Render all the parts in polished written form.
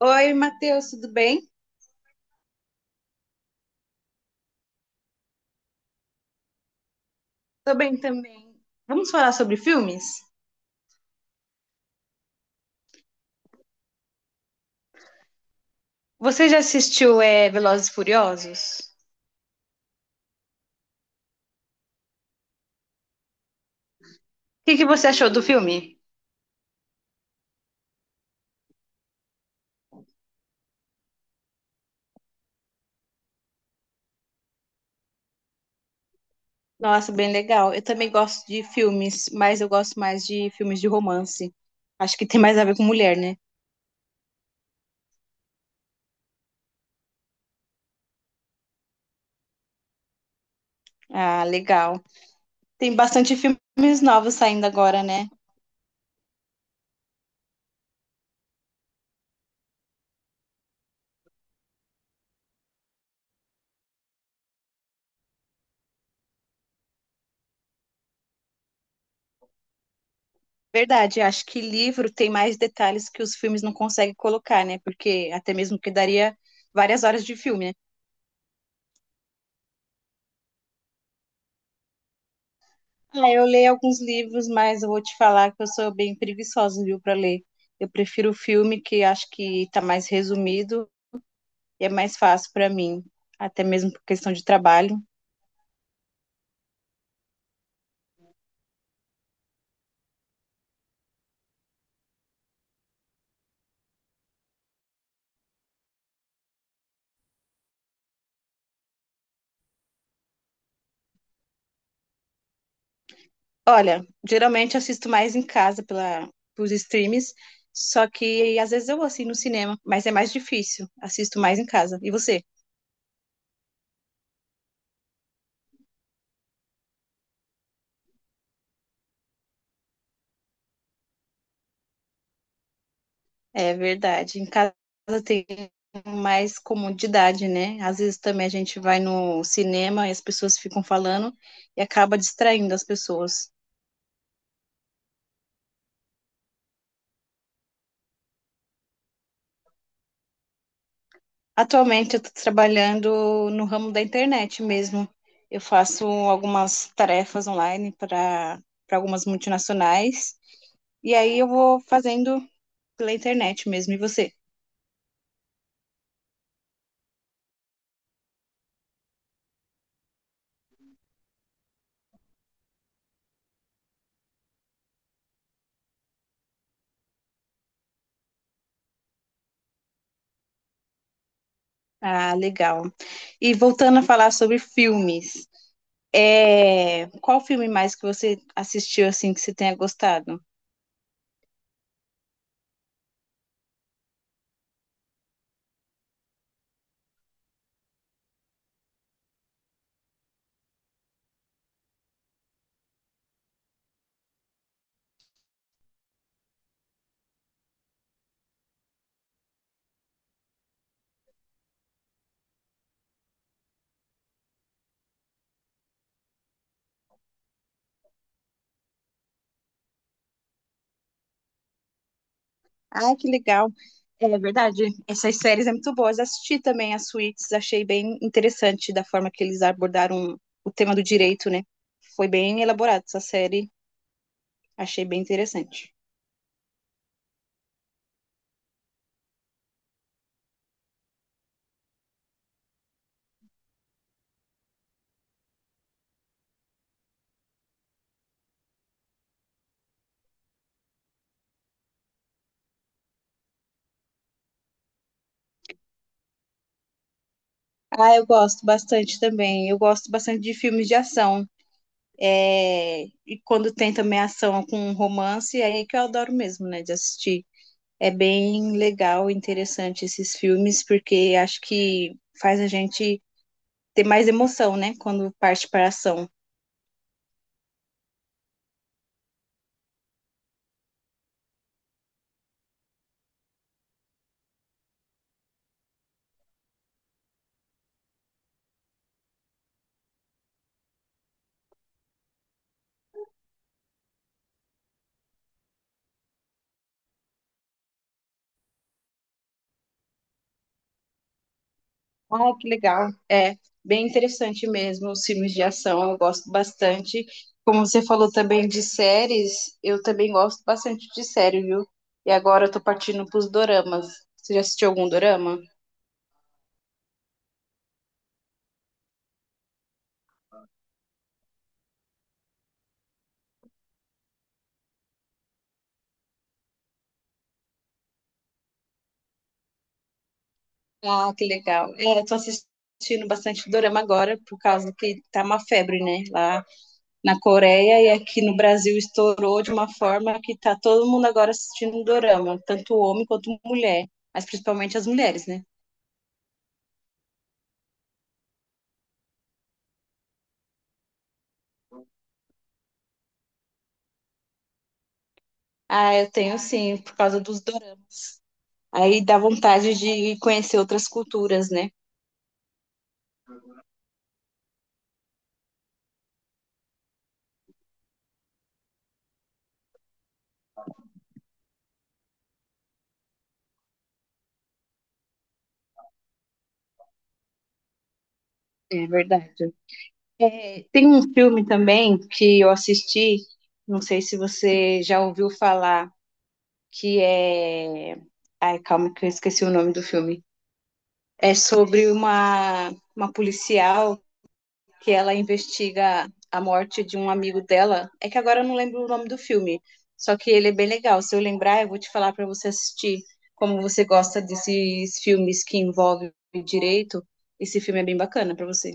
Oi, Matheus, tudo bem? Tô bem também. Vamos falar sobre filmes? Você já assistiu Velozes e Furiosos? O que você achou do filme? Nossa, bem legal. Eu também gosto de filmes, mas eu gosto mais de filmes de romance. Acho que tem mais a ver com mulher, né? Ah, legal. Tem bastante filmes novos saindo agora, né? Verdade, acho que livro tem mais detalhes que os filmes não conseguem colocar, né? Porque até mesmo que daria várias horas de filme. Ah, eu leio alguns livros, mas eu vou te falar que eu sou bem preguiçosa, viu, para ler. Eu prefiro o filme, que acho que está mais resumido e é mais fácil para mim, até mesmo por questão de trabalho. Olha, geralmente eu assisto mais em casa pela, pelos streams, só que às vezes eu vou assim no cinema, mas é mais difícil. Assisto mais em casa. E você? É verdade. Em casa tem mais comodidade, né? Às vezes também a gente vai no cinema e as pessoas ficam falando e acaba distraindo as pessoas. Atualmente eu estou trabalhando no ramo da internet mesmo. Eu faço algumas tarefas online para algumas multinacionais e aí eu vou fazendo pela internet mesmo. E você? Ah, legal. E voltando a falar sobre filmes, é, qual filme mais que você assistiu assim que você tenha gostado? Ah, que legal. É verdade. Essas séries é muito boas. Assisti também as Suits, achei bem interessante da forma que eles abordaram o tema do direito, né? Foi bem elaborado essa série, achei bem interessante. Ah, eu gosto bastante também. Eu gosto bastante de filmes de ação. É, e quando tem também ação com romance, é aí que eu adoro mesmo, né, de assistir. É bem legal, interessante esses filmes, porque acho que faz a gente ter mais emoção, né, quando parte para a ação. Ah, que legal. É bem interessante mesmo os filmes de ação, eu gosto bastante. Como você falou também de séries, eu também gosto bastante de série, viu? E agora eu tô partindo pros doramas. Você já assistiu algum dorama? Ah, que legal. É, eu tô assistindo bastante dorama agora, por causa que tá uma febre, né? Lá na Coreia e aqui no Brasil estourou de uma forma que tá todo mundo agora assistindo um dorama, tanto homem quanto mulher, mas principalmente as mulheres, né? Ah, eu tenho sim, por causa dos doramas. Aí dá vontade de conhecer outras culturas, né? É verdade. É, tem um filme também que eu assisti, não sei se você já ouviu falar, que é. Ai, calma que eu esqueci o nome do filme. É sobre uma policial que ela investiga a morte de um amigo dela. É que agora eu não lembro o nome do filme, só que ele é bem legal. Se eu lembrar, eu vou te falar para você assistir. Como você gosta desses filmes que envolvem direito, esse filme é bem bacana para você.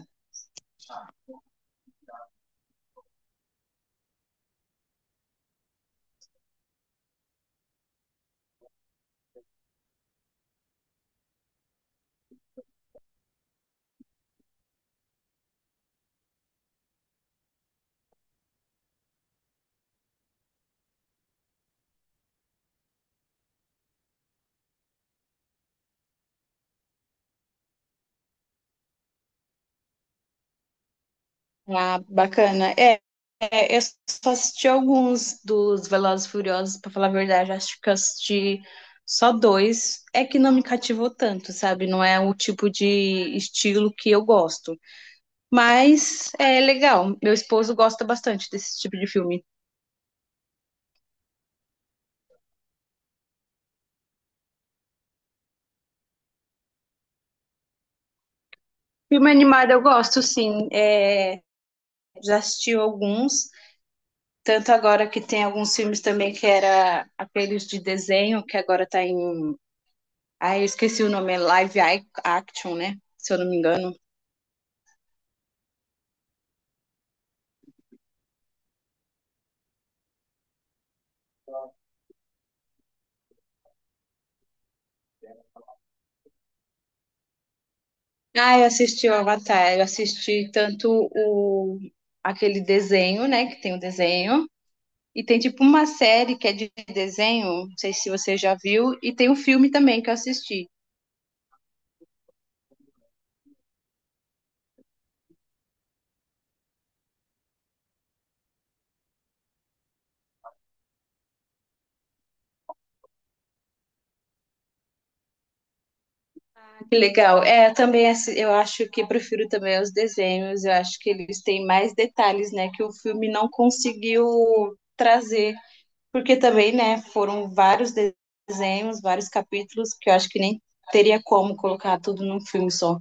Ah, bacana. É, é, eu só assisti alguns dos Velozes e Furiosos, para falar a verdade, acho que eu assisti só dois. É que não me cativou tanto, sabe? Não é o tipo de estilo que eu gosto. Mas é legal. Meu esposo gosta bastante desse tipo de filme. Filme animado eu gosto, sim. É, já assisti alguns. Tanto agora que tem alguns filmes também que era aqueles de desenho, que agora tá em. Ah, eu esqueci o nome, é live action, né? Se eu não me engano. Ah, eu assisti o Avatar, eu assisti tanto o aquele desenho, né? Que tem o desenho. E tem tipo uma série que é de desenho, não sei se você já viu, e tem um filme também que eu assisti. Que legal. É, também assi- eu acho que prefiro também os desenhos, eu acho que eles têm mais detalhes, né, que o filme não conseguiu trazer, porque também, né, foram vários de- desenhos, vários capítulos que eu acho que nem teria como colocar tudo num filme só.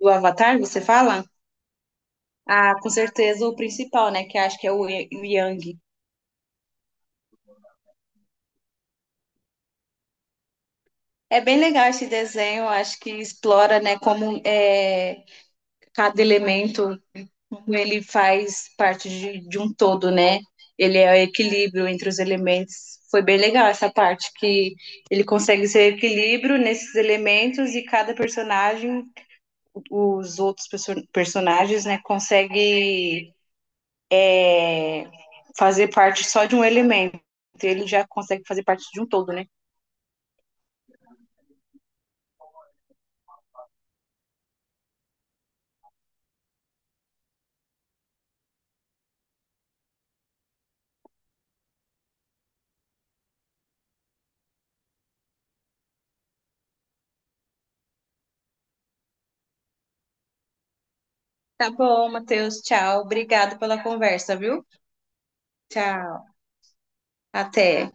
Do Avatar, você fala? Ah, com certeza o principal, né, que acho que é o o Yang. É bem legal esse desenho, eu acho que explora, né, como é, cada elemento como ele faz parte de um todo, né? Ele é o equilíbrio entre os elementos. Foi bem legal essa parte que ele consegue ser equilíbrio nesses elementos e cada personagem, os personagens, né, consegue fazer parte só de um elemento. Ele já consegue fazer parte de um todo, né? Tá bom, Matheus. Tchau. Obrigado pela conversa, viu? Tchau. Até.